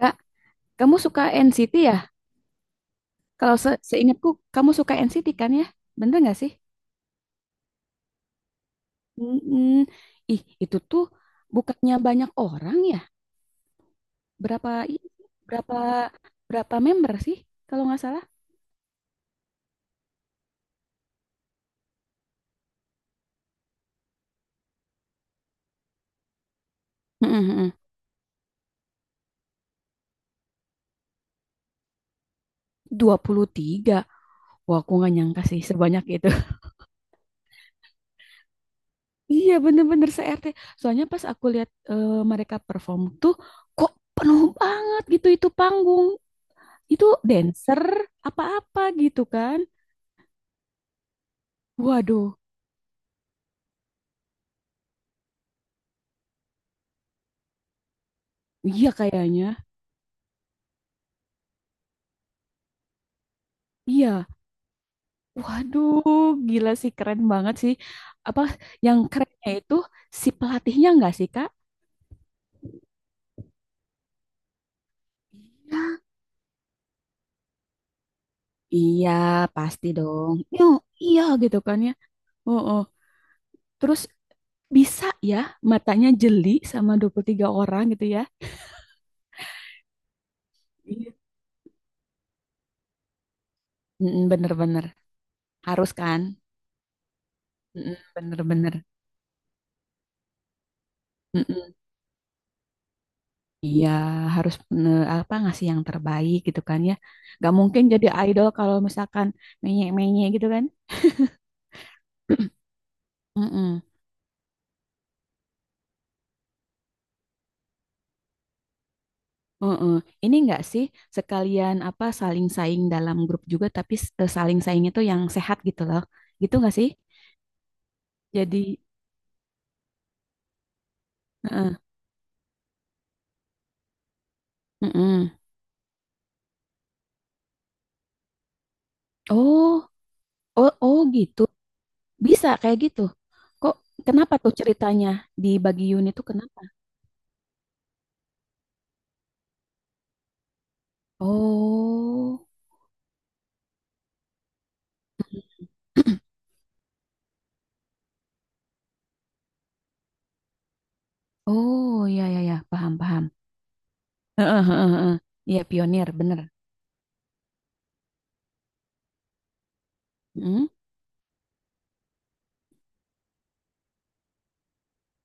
Kak, kamu suka NCT ya? Kalau seingatku, kamu suka NCT kan ya? Bener nggak sih? Mm-mm. Ih, itu tuh bukannya banyak orang ya? Berapa i- berapa berapa member sih? Kalau nggak salah? Mm-mm-mm. 23. Wah, aku nggak nyangka sih sebanyak itu. Iya, bener-bener se-RT. Soalnya pas aku lihat mereka perform tuh, kok penuh banget gitu itu panggung. Itu dancer apa-apa gitu kan? Waduh, iya kayaknya. Iya, waduh, gila sih keren banget sih. Apa yang kerennya itu si pelatihnya nggak sih, Kak? Iya, iya, pasti dong. Yo iya gitu kan ya. Oh, oh. Terus bisa ya matanya jeli sama 23 orang gitu ya. Iya. Mm-mm, bener-bener. Harus kan? Mm-mm, bener-bener. Mm-mm. Iya, harus apa ngasih yang terbaik gitu kan ya. Gak mungkin jadi idol kalau misalkan menye-menye gitu kan. Mm-mm. Heeh. Ini enggak sih sekalian apa saling saing dalam grup juga tapi saling saing itu yang sehat gitu loh. Gitu enggak sih? Jadi mm-mm. Oh, oh, oh gitu. Bisa kayak gitu. Kok kenapa tuh ceritanya di bagi unit tuh kenapa? Oh. Oh, ya ya ya, paham paham. Heeh, heeh, heeh. Iya pionir, bener. Mm.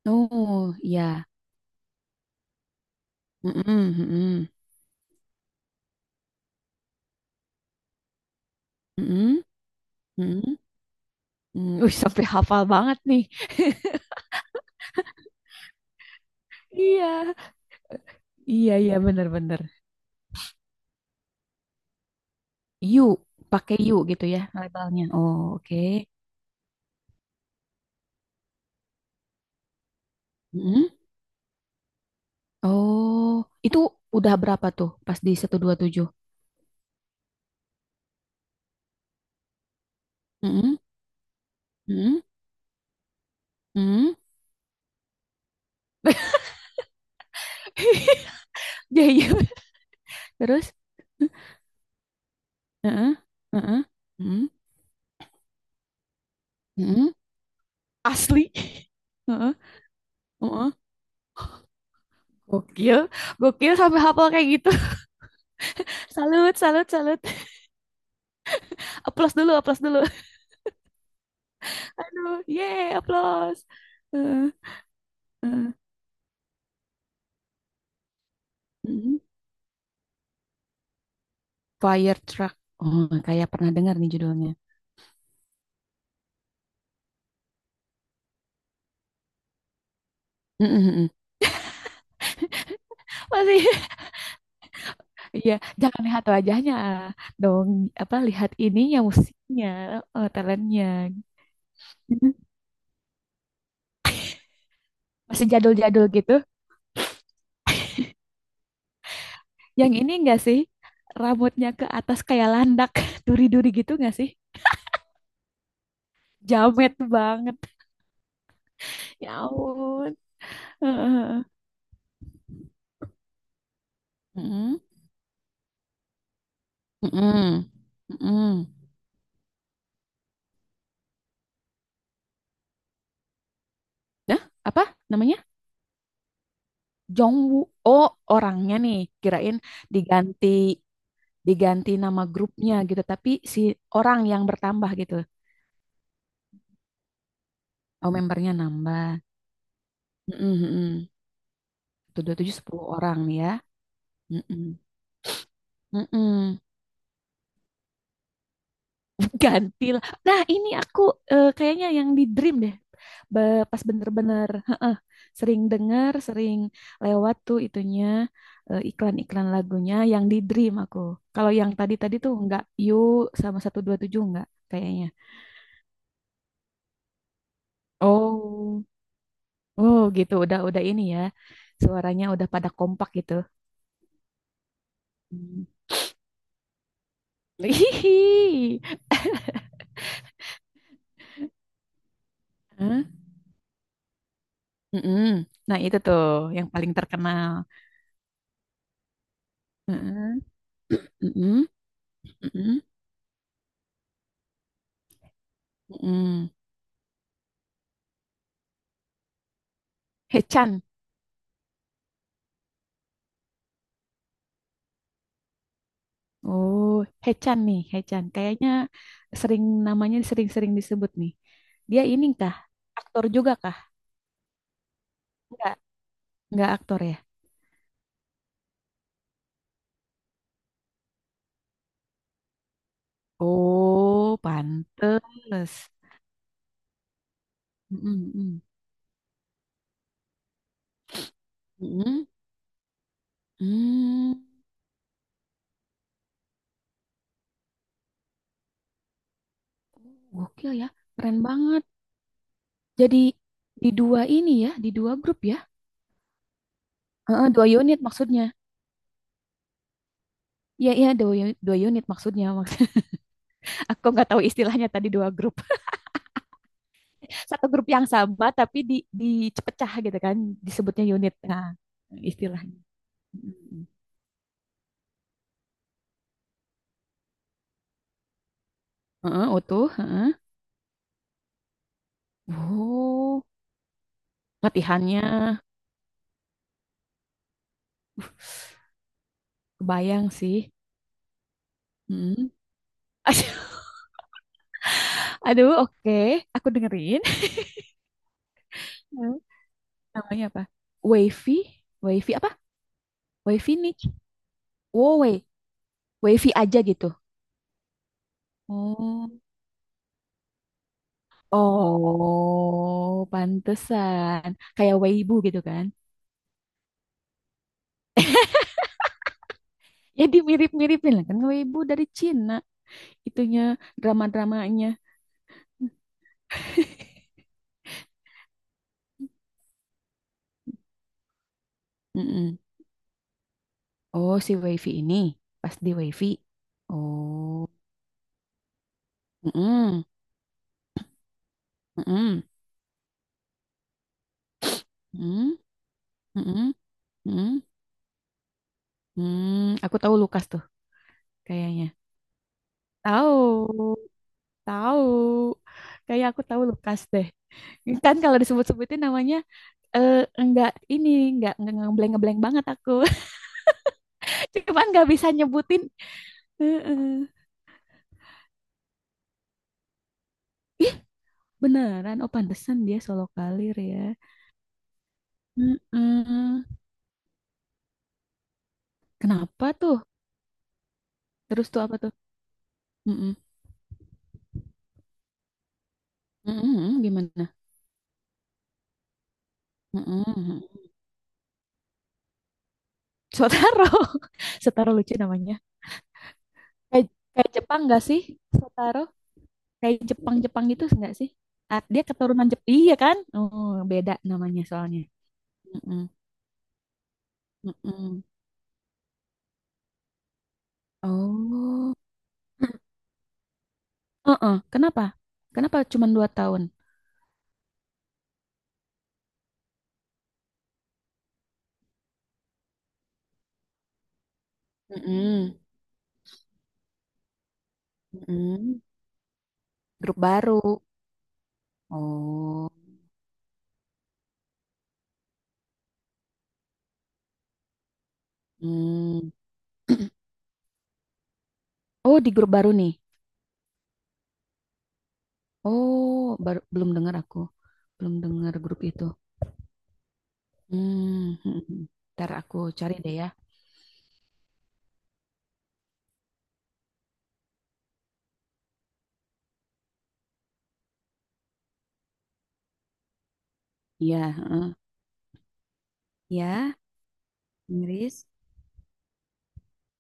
Oh, iya. Mm-mm, mm-mm, mm-mm, mm-mm, mm. Wih, sampai hafal banget nih. Iya. Iya, iya, bener-bener. Yu, pakai yu gitu ya labelnya. Oh, oke. Mm-mm. Oh, itu udah berapa tuh pas di 127? Mm-mm. Mm-mm. Mm-mm. Ya, iya. Terus? Heeh, heeh, heeh, heeh. Asli. Heeh, heeh. Gokil, gokil sampai hafal kayak gitu. Salut, salut, salut. Applause dulu, applause dulu. Aduh, yeay, applause. Heeh, heeh. Fire Truck. Oh, kayak pernah dengar nih judulnya. Mm, mm, mm. Masih, iya. Jangan lihat wajahnya dong. Apa lihat ininya musiknya, talentnya. Masih jadul-jadul gitu. Yang ini enggak sih? Rambutnya ke atas kayak landak, duri-duri gitu enggak sih? Jamet banget. Ya ampun. Mm, mm, mm, mm. Nah, apa namanya? Jongwoo. Oh, orangnya nih. Kirain diganti diganti nama grupnya gitu tapi si orang yang bertambah gitu oh membernya nambah. Mm-mm, mm-mm. Satu, dua tujuh sepuluh orang nih ya. Mm-mm, mm-mm. Ganti lah nah ini aku kayaknya yang di dream deh. Pas bener-bener heeh, sering denger sering lewat tuh itunya iklan-iklan lagunya yang di dream aku kalau yang tadi-tadi tuh enggak you sama satu dua tujuh enggak kayaknya. Oh, oh gitu, udah ini ya. Suaranya udah pada kompak gitu. Hmm. Hah? Mm-mm. Nah itu tuh yang paling terkenal. Mm-mm. Mm-mm. Mm-mm. Mm-mm. Hechan. Oh, Hechan nih, Hechan. Kayaknya sering namanya sering-sering disebut nih. Dia ini kah? Aktor juga kah? Enggak, enggak aktor ya. Oh, pantes. Mm-mm. Mm-mm. Mm. Gokil ya, keren banget. Jadi di dua ini ya, di dua grup ya. Heeh, dua unit maksudnya. Iya, iya, dua unit maksudnya. Maksud, aku nggak tahu istilahnya tadi dua grup. Satu grup yang sama tapi dipecah gitu kan, disebutnya unit. Nah, istilahnya. Mm. Heeh, utuh, heeh. Oh, latihannya. Kebayang sih. Mm. Aduh, oke. Aku dengerin. Hmm. Namanya apa? Wavy? Wavy apa? Wavy niche? Wow, Wavy aja gitu. Oh, oh, pantesan. Kayak Weibo gitu kan? Ya dimirip-miripin lah kan Weibo dari Cina. Itunya drama-dramanya. Mm-mm. Oh, si Wifi ini pas di Wifi. Oh, mm-mm. Mm-mm. Mm-mm. Mm-mm. Mm-mm. Hmm, aku tahu Lukas tuh kayaknya. Tahu. Tahu. Kayak aku tahu Lukas deh. Kan kalau disebut-sebutin namanya eh enggak ini enggak ngebleng-ngebleng banget aku. Cuman nggak bisa nyebutin. Heeh. Ih, beneran oh pantesan dia solo kalir ya. Heeh. Kenapa tuh? Terus tuh apa tuh? Heeh. Heeh, gimana? Heeh. Sotaro. Sotaro lucu namanya. Kayak kayak Jepang nggak sih? Sotaro. Kayak Jepang-Jepang gitu enggak sih? Ah, dia keturunan Jepang, iya kan? Oh, beda namanya soalnya. Mm-mm. Mm-mm. Oh, heeh. Kenapa? Kenapa cuma 2 tahun? Mm-mm. Mm-mm. Grup baru. Oh, mm. Oh di grup baru nih. Oh, baru, belum dengar aku, belum dengar grup itu. Hmm, ntar aku cari deh ya. Iya, ya Inggris.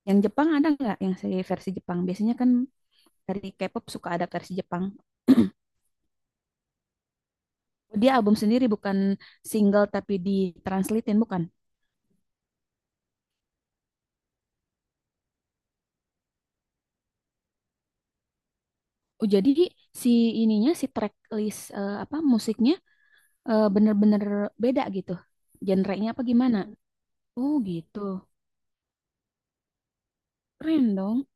Yang Jepang ada nggak? Yang seri versi Jepang biasanya kan dari K-pop suka ada versi Jepang. Dia album sendiri bukan single tapi ditranslatein bukan. Oh, jadi si ininya si track list apa musiknya bener-bener beda gitu. Genre nya apa gimana? Oh gitu. Keren dong.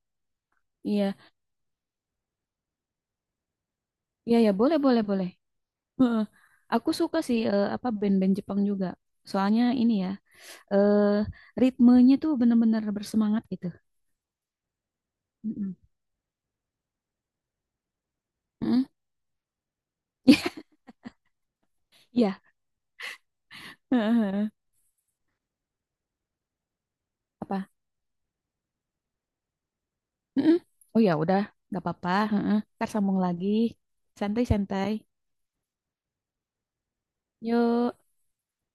Iya, iya ya boleh boleh boleh. Heeh. Aku suka sih apa band-band Jepang juga. Soalnya ini ya, eh ritmenya tuh bener-bener bersemangat gitu. Mm-mm. Mm-mm. Iya. Heeh. Apa mm. Oh ya udah, nggak apa-apa. Heeh. Ntar sambung lagi. Santai-santai. Yuk.